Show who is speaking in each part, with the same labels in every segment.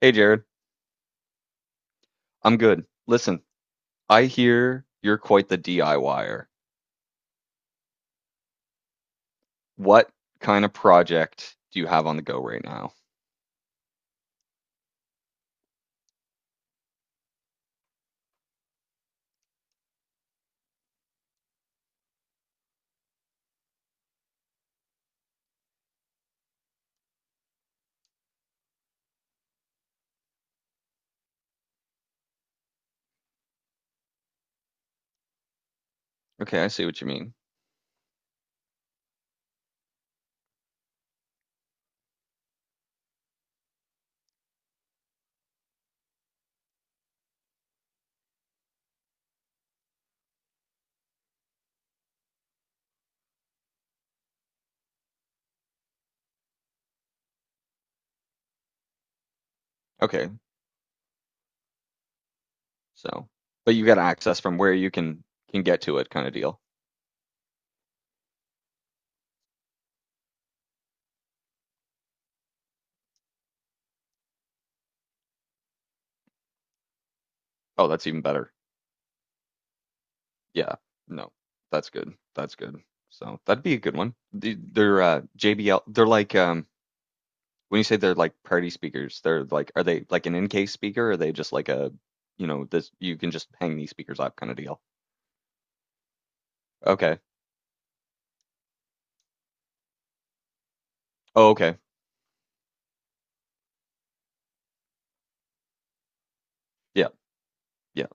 Speaker 1: Hey, Jared. I'm good. Listen, I hear you're quite the DIYer. What kind of project do you have on the go right now? Okay, I see what you mean. Okay, so, but you got access from where you can get to it kind of deal. Oh, that's even better. Yeah, no, that's good. That's good. So that'd be a good one. They're JBL. They're like when you say they're like party speakers, they're like are they like an in-case speaker? Or are they just like a you know this you can just hang these speakers up kind of deal? Okay. Oh, okay. Yeah, yeah.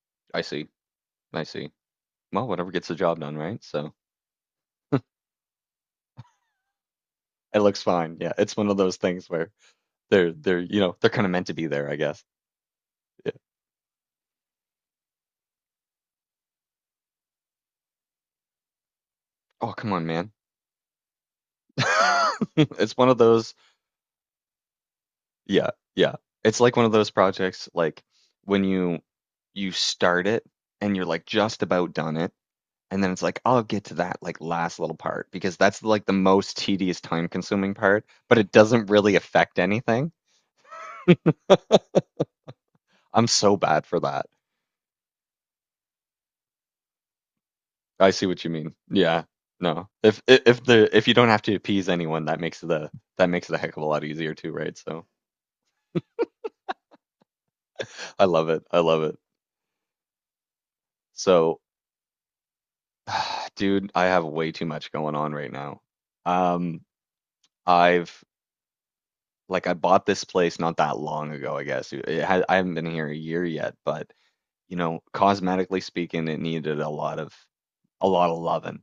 Speaker 1: I see. I see. Well, whatever gets the job done, right? So it looks fine. Yeah, it's one of those things where they're you know they're kind of meant to be there, I guess. Oh, come on, man. It's one of those. Yeah, yeah. It's like one of those projects, like when you start it and you're like just about done it, and then it's like I'll get to that like last little part because that's like the most tedious, time consuming part, but it doesn't really affect anything. I'm so bad for that. I see what you mean. Yeah. No. If the if you don't have to appease anyone, that makes the that makes it a heck of a lot easier too, right? So I love it. I love it. So, dude, I have way too much going on right now. Um, I've like I bought this place not that long ago, I guess. It ha I haven't been here a year yet, but you know, cosmetically speaking, it needed a lot of loving.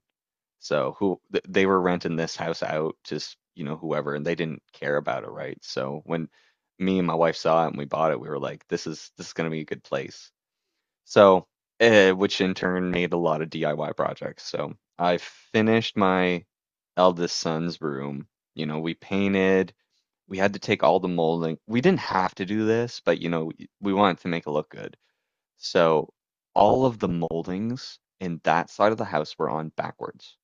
Speaker 1: So who they were renting this house out to, you know, whoever, and they didn't care about it, right? So when me and my wife saw it and we bought it, we were like, this is gonna be a good place. So, which in turn made a lot of DIY projects. So I finished my eldest son's room. You know, we painted. We had to take all the molding. We didn't have to do this, but you know, we wanted to make it look good. So all of the moldings in that side of the house were on backwards.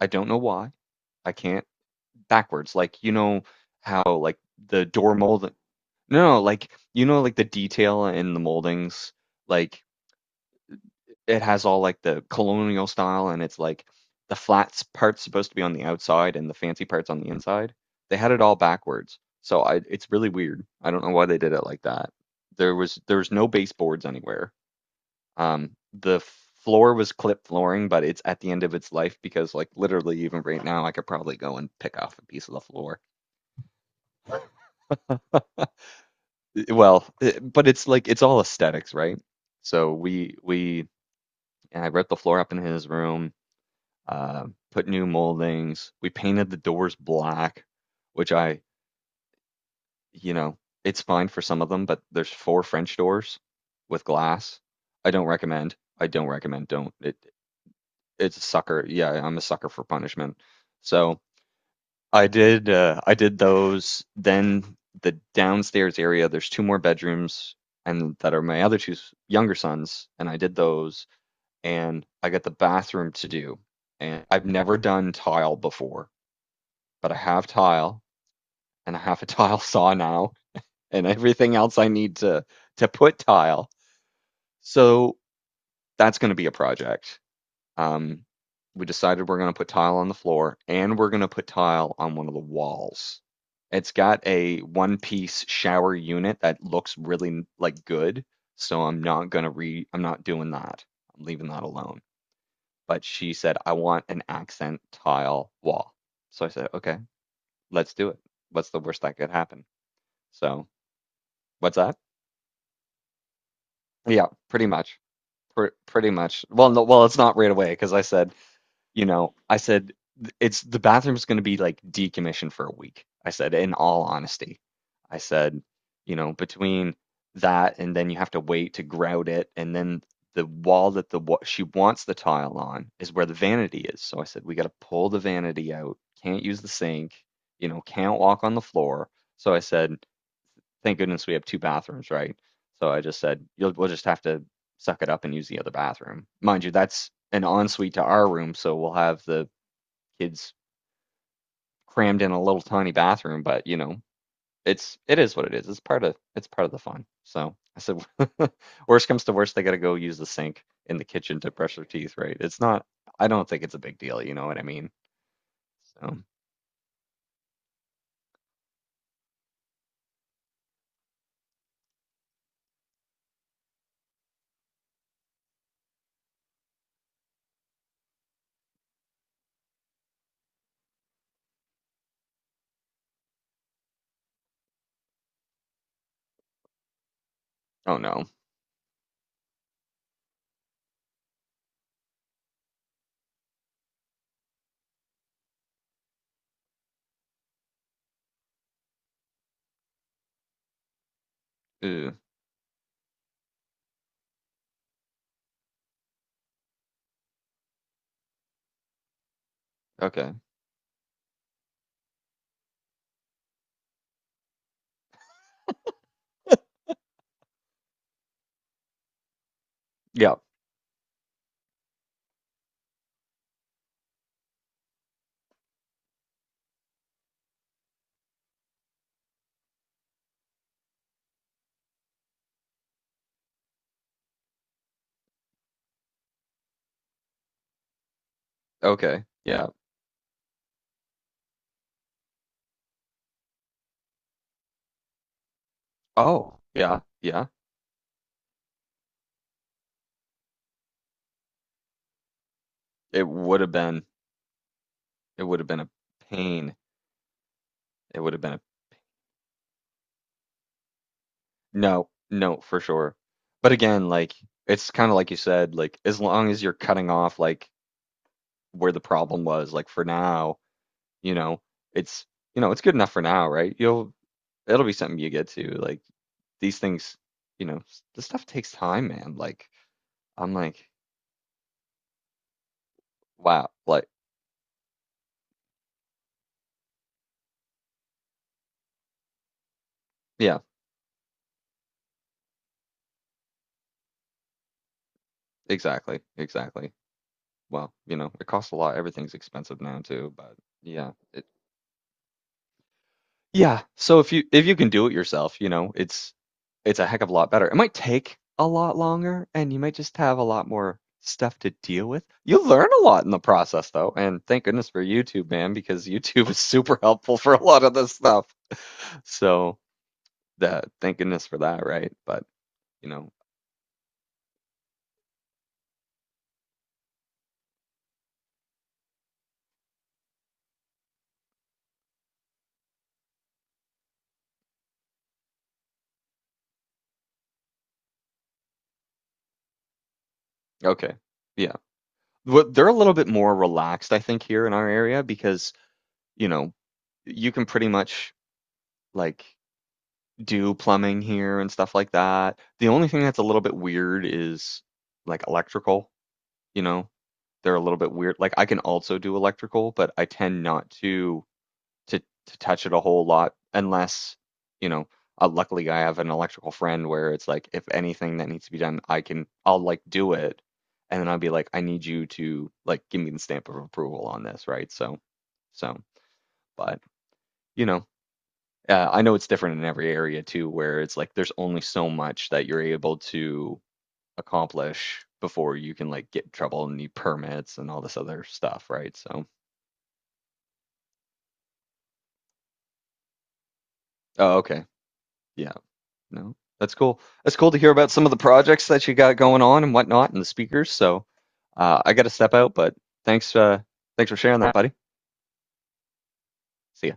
Speaker 1: I don't know why. I can't backwards. Like you know how like the door molding. No, like you know like the detail in the moldings. Like it has all like the colonial style, and it's like the flat part's supposed to be on the outside, and the fancy part's on the inside. They had it all backwards, so I it's really weird. I don't know why they did it like that. There was no baseboards anywhere. The floor was clip flooring, but it's at the end of its life because, like, literally, even right now, I could probably go and pick off a piece of the floor. But it's like it's all aesthetics, right? So we I ripped the floor up in his room, uh, put new moldings. We painted the doors black, which I, you know, it's fine for some of them, but there's four French doors with glass. I don't recommend. I don't recommend. Don't. It's a sucker. Yeah, I'm a sucker for punishment. So I did those. Then the downstairs area, there's two more bedrooms and that are my other two younger sons, and I did those and I got the bathroom to do. And I've never done tile before, but I have tile and I have a tile saw now and everything else I need to put tile. So that's going to be a project. Um, we decided we're going to put tile on the floor and we're going to put tile on one of the walls. It's got a one piece shower unit that looks really like good, so I'm not going to re I'm not doing that. I'm leaving that alone. But she said, I want an accent tile wall. So I said, okay, let's do it. What's the worst that could happen? So what's that? Yeah, pretty much. Pr pretty much. Well, no, well, it's not right away because I said you know, I said, it's the bathroom's going to be like decommissioned for a week. I said, in all honesty, I said, you know, between that and then you have to wait to grout it. And then the wall that the she wants the tile on is where the vanity is. So I said, we got to pull the vanity out. Can't use the sink, you know, can't walk on the floor. So I said, thank goodness we have two bathrooms, right? So I just said, we'll just have to suck it up and use the other bathroom. Mind you, that's an ensuite to our room, so we'll have the kids crammed in a little tiny bathroom, but you know, it is what it is. It's part of the fun. So I said, worst comes to worst, they got to go use the sink in the kitchen to brush their teeth, right? It's not. I don't think it's a big deal. You know what I mean? So, oh no. Ew. Okay. Yeah. Okay. Yeah. Oh. Yeah. Yeah. It would have been it would have been a pain. It would have been a no, no, for sure. But again, like it's kind of like you said, like as long as you're cutting off like where the problem was, like for now, you know, it's you know, it's good enough for now, right? You'll it'll be something you get to. Like these things, you know, this stuff takes time, man. Like I'm like, wow, like yeah, exactly, exactly. Well, you know, it costs a lot. Everything's expensive now too, but yeah, it, yeah, so if you can do it yourself, you know, it's a heck of a lot better. It might take a lot longer, and you might just have a lot more stuff to deal with. You learn a lot in the process, though, and thank goodness for YouTube, man, because YouTube is super helpful for a lot of this stuff. So that thank goodness for that, right? But you know, okay, yeah, What- they're a little bit more relaxed, I think, here in our area because you know you can pretty much like. Do plumbing here and stuff like that. The only thing that's a little bit weird is like electrical, you know. They're a little bit weird. Like I can also do electrical, but I tend not to to to touch it a whole lot unless, you know, luckily I have an electrical friend where it's like if anything that needs to be done, I'll like do it and then I'll be like I need you to like give me the stamp of approval on this, right? So so but you know, I know it's different in every area too, where it's like there's only so much that you're able to accomplish before you can like get in trouble and need permits and all this other stuff, right? So, oh, okay. Yeah. No, that's cool. That's cool to hear about some of the projects that you got going on and whatnot and the speakers. So, I got to step out, but thanks, thanks for sharing that, buddy. See ya.